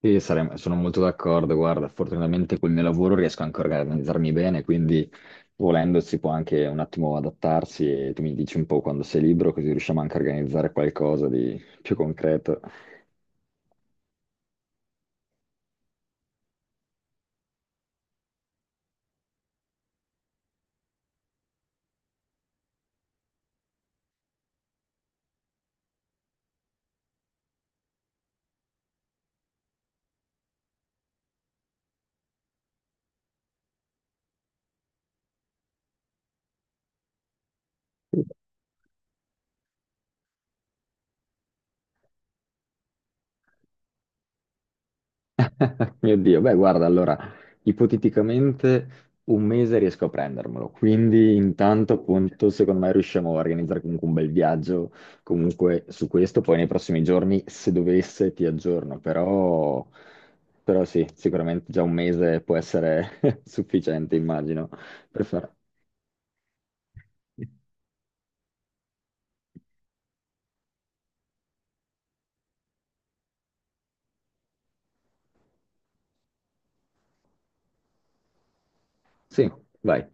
Sì, sono molto d'accordo. Guarda, fortunatamente col mio lavoro riesco anche a organizzarmi bene, quindi volendo si può anche un attimo adattarsi e tu mi dici un po' quando sei libero, così riusciamo anche a organizzare qualcosa di più concreto. Mio Dio, beh, guarda, allora, ipoteticamente un mese riesco a prendermelo, quindi intanto appunto secondo me riusciamo a organizzare comunque un bel viaggio comunque su questo. Poi nei prossimi giorni se dovesse ti aggiorno, però, però sì, sicuramente già un mese può essere sufficiente, immagino, per fare... Sì, vai.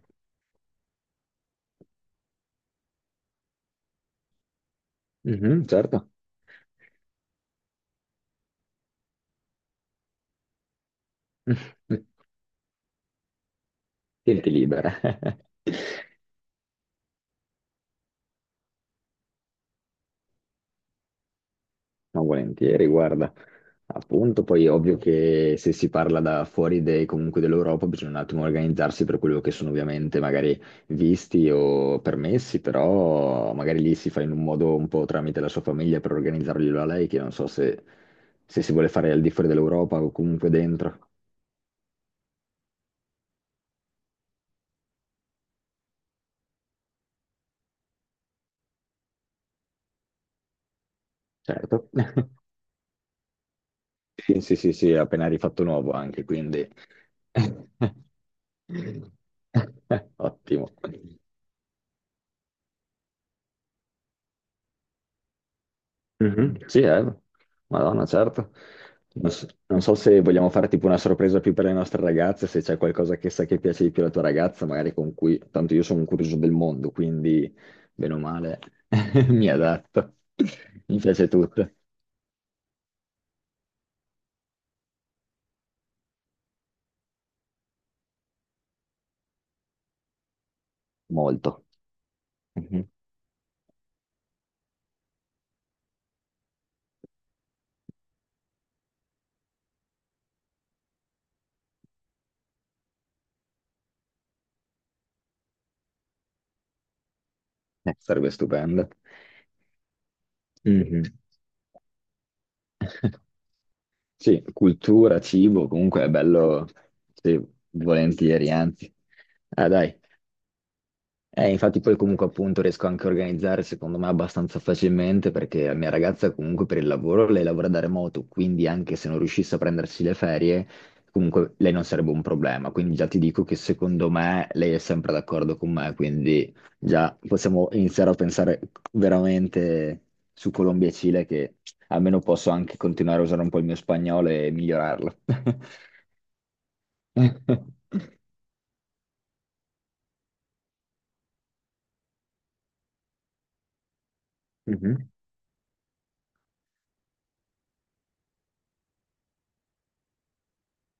Mhm, certo. Senti libera. No, volentieri, guarda. Appunto, poi è ovvio che se si parla da fuori comunque dell'Europa bisogna un attimo organizzarsi per quello che sono ovviamente magari visti o permessi, però magari lì si fa in un modo un po' tramite la sua famiglia per organizzarglielo a lei, che non so se, se si vuole fare al di fuori dell'Europa o comunque dentro. Certo. Sì, sì, sì, sì, è appena rifatto nuovo anche, quindi... Ottimo. Mhm, sì, eh. Madonna, certo. Non so, non so se vogliamo fare tipo una sorpresa più per le nostre ragazze, se c'è qualcosa che sa che piace di più alla tua ragazza, magari con cui... Tanto io sono un curioso del mondo, quindi, bene o male, mi adatto. Mi piace tutto. Molto. Mhm. Sarebbe stupendo. Mhm. Sì, cultura, cibo, comunque è bello, sì, volentieri, anzi. Ah, dai. Infatti poi comunque appunto riesco anche a organizzare secondo me abbastanza facilmente perché la mia ragazza comunque per il lavoro, lei lavora da remoto, quindi anche se non riuscisse a prendersi le ferie, comunque lei non sarebbe un problema. Quindi già ti dico che secondo me lei è sempre d'accordo con me, quindi già possiamo iniziare a pensare veramente su Colombia e Cile, che almeno posso anche continuare a usare un po' il mio spagnolo e migliorarlo. Mhm.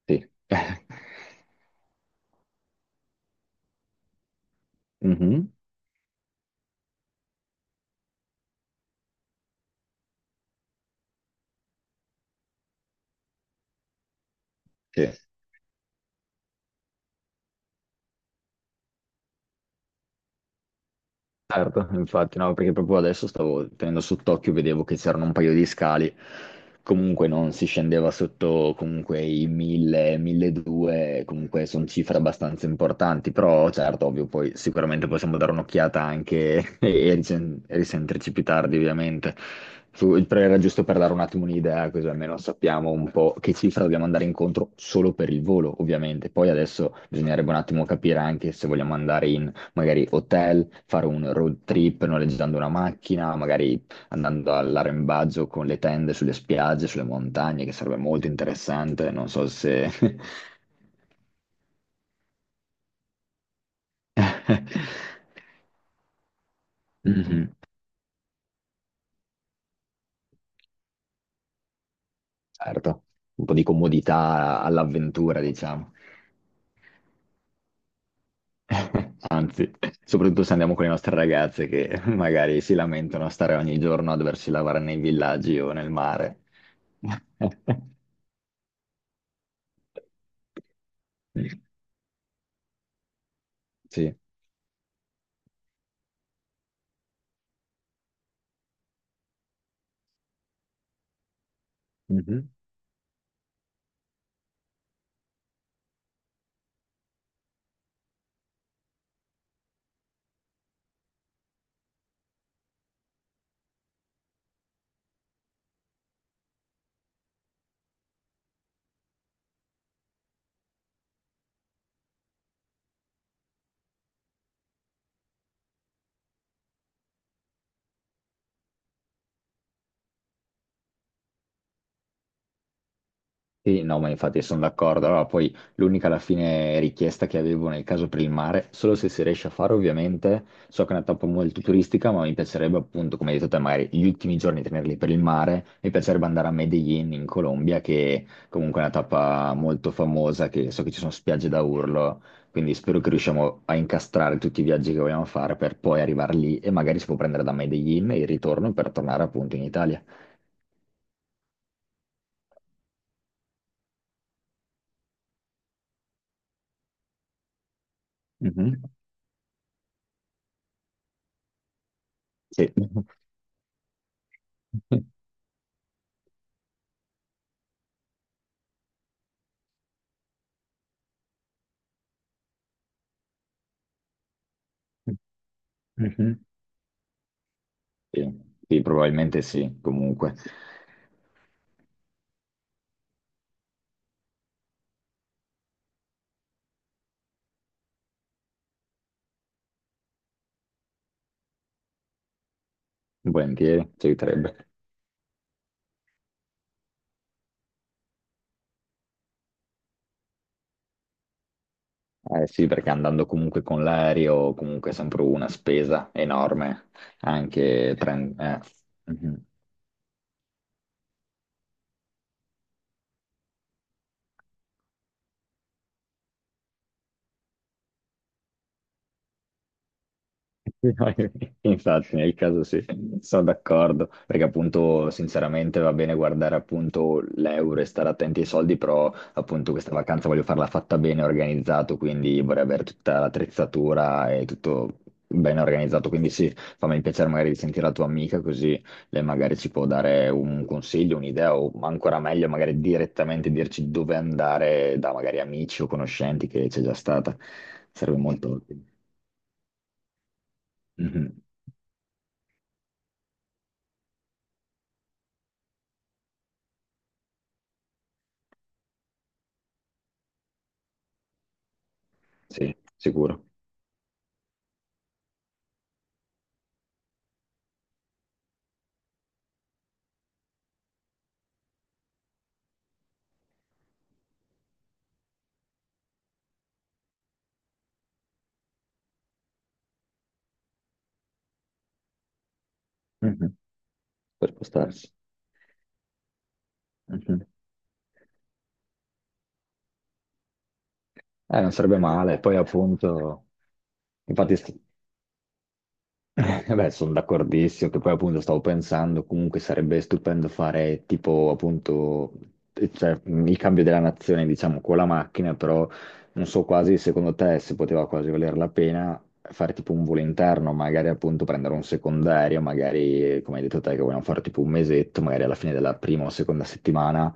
Sì. Mhm. Sì. Certo, infatti, no, perché proprio adesso stavo tenendo sott'occhio, vedevo che c'erano un paio di scali, comunque non si scendeva sotto comunque i 1000, 1200, comunque sono cifre abbastanza importanti, però certo, ovvio, poi sicuramente possiamo dare un'occhiata anche e e risentirci più tardi, ovviamente. Su- però era giusto per dare un attimo un'idea, così almeno sappiamo un po' che cifra dobbiamo andare incontro solo per il volo, ovviamente. Poi adesso bisognerebbe un attimo capire anche se vogliamo andare in magari hotel, fare un road trip noleggiando una macchina, magari andando all'arrembaggio con le tende sulle spiagge, sulle montagne, che sarebbe molto interessante. Non so se... Mhm, certo, un po' di comodità all'avventura, diciamo. Anzi, soprattutto se andiamo con le nostre ragazze che magari si lamentano a stare ogni giorno a doversi lavare nei villaggi o nel mare. Sì. Mhm. Sì, no, ma infatti sono d'accordo. Allora, poi l'unica alla fine richiesta che avevo nel caso per il mare, solo se si riesce a fare ovviamente, so che è una tappa molto turistica, ma mi piacerebbe appunto, come hai detto te, magari gli ultimi giorni tenerli per il mare, mi piacerebbe andare a Medellin in Colombia, che comunque è una tappa molto famosa, che so che ci sono spiagge da urlo, quindi spero che riusciamo a incastrare tutti i viaggi che vogliamo fare per poi arrivare lì e magari si può prendere da Medellin il ritorno per tornare appunto in Italia. Mhm. Sì. Mhm. Sì, sì, probabilmente sì, comunque. Volentieri, ci aiuterebbe. Eh sì, perché andando comunque con l'aereo, comunque è sempre una spesa enorme, anche... Mhm. Infatti, nel caso sì, sono d'accordo, perché appunto sinceramente va bene guardare appunto l'euro e stare attenti ai soldi, però appunto questa vacanza voglio farla fatta bene, organizzato, quindi vorrei avere tutta l'attrezzatura e tutto ben organizzato, quindi sì, fammi il piacere magari di sentire la tua amica, così lei magari ci può dare un consiglio, un'idea, o ancora meglio magari direttamente dirci dove andare da magari amici o conoscenti che c'è già stata, sarebbe molto utile. Sì, sicuro. Mhm, per postarsi. Mhm. Non sarebbe male. Poi appunto, infatti st- eh, beh, sono d'accordissimo, che poi appunto stavo pensando, comunque sarebbe stupendo fare tipo appunto il cambio della nazione, diciamo, con la macchina, però non so quasi secondo te se poteva quasi valer la pena fare tipo un volo interno, magari appunto prendere un secondario, magari come hai detto te che vogliamo fare tipo un mesetto, magari alla fine della prima o seconda settimana,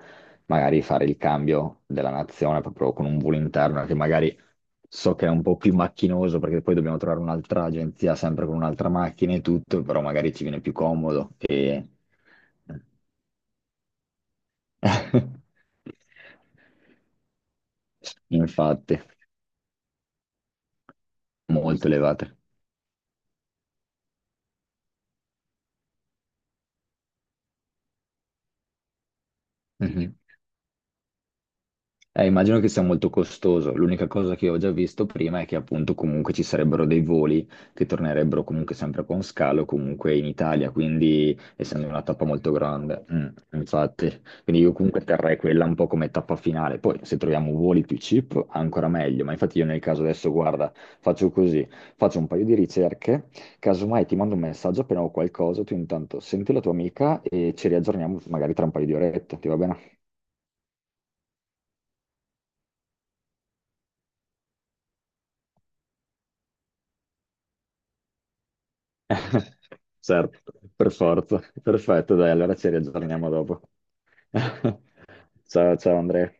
magari fare il cambio della nazione proprio con un volo interno che magari so che è un po' più macchinoso, perché poi dobbiamo trovare un'altra agenzia sempre con un'altra macchina e tutto, però magari ci viene più comodo e... Infatti, molto elevate. Mhm. Immagino che sia molto costoso. L'unica cosa che ho già visto prima è che appunto comunque ci sarebbero dei voli che tornerebbero comunque sempre con scalo comunque in Italia, quindi essendo una tappa molto grande. Mm, infatti, quindi io comunque terrei quella un po' come tappa finale. Poi se troviamo voli più cheap ancora meglio, ma infatti io nel caso adesso guarda, faccio così, faccio un paio di ricerche, casomai ti mando un messaggio appena ho qualcosa, tu intanto senti la tua amica e ci riaggiorniamo magari tra un paio di orette, ti va bene? Certo, per forza. Perfetto, dai, allora ci riaggiorniamo dopo. Ciao, ciao Andrea.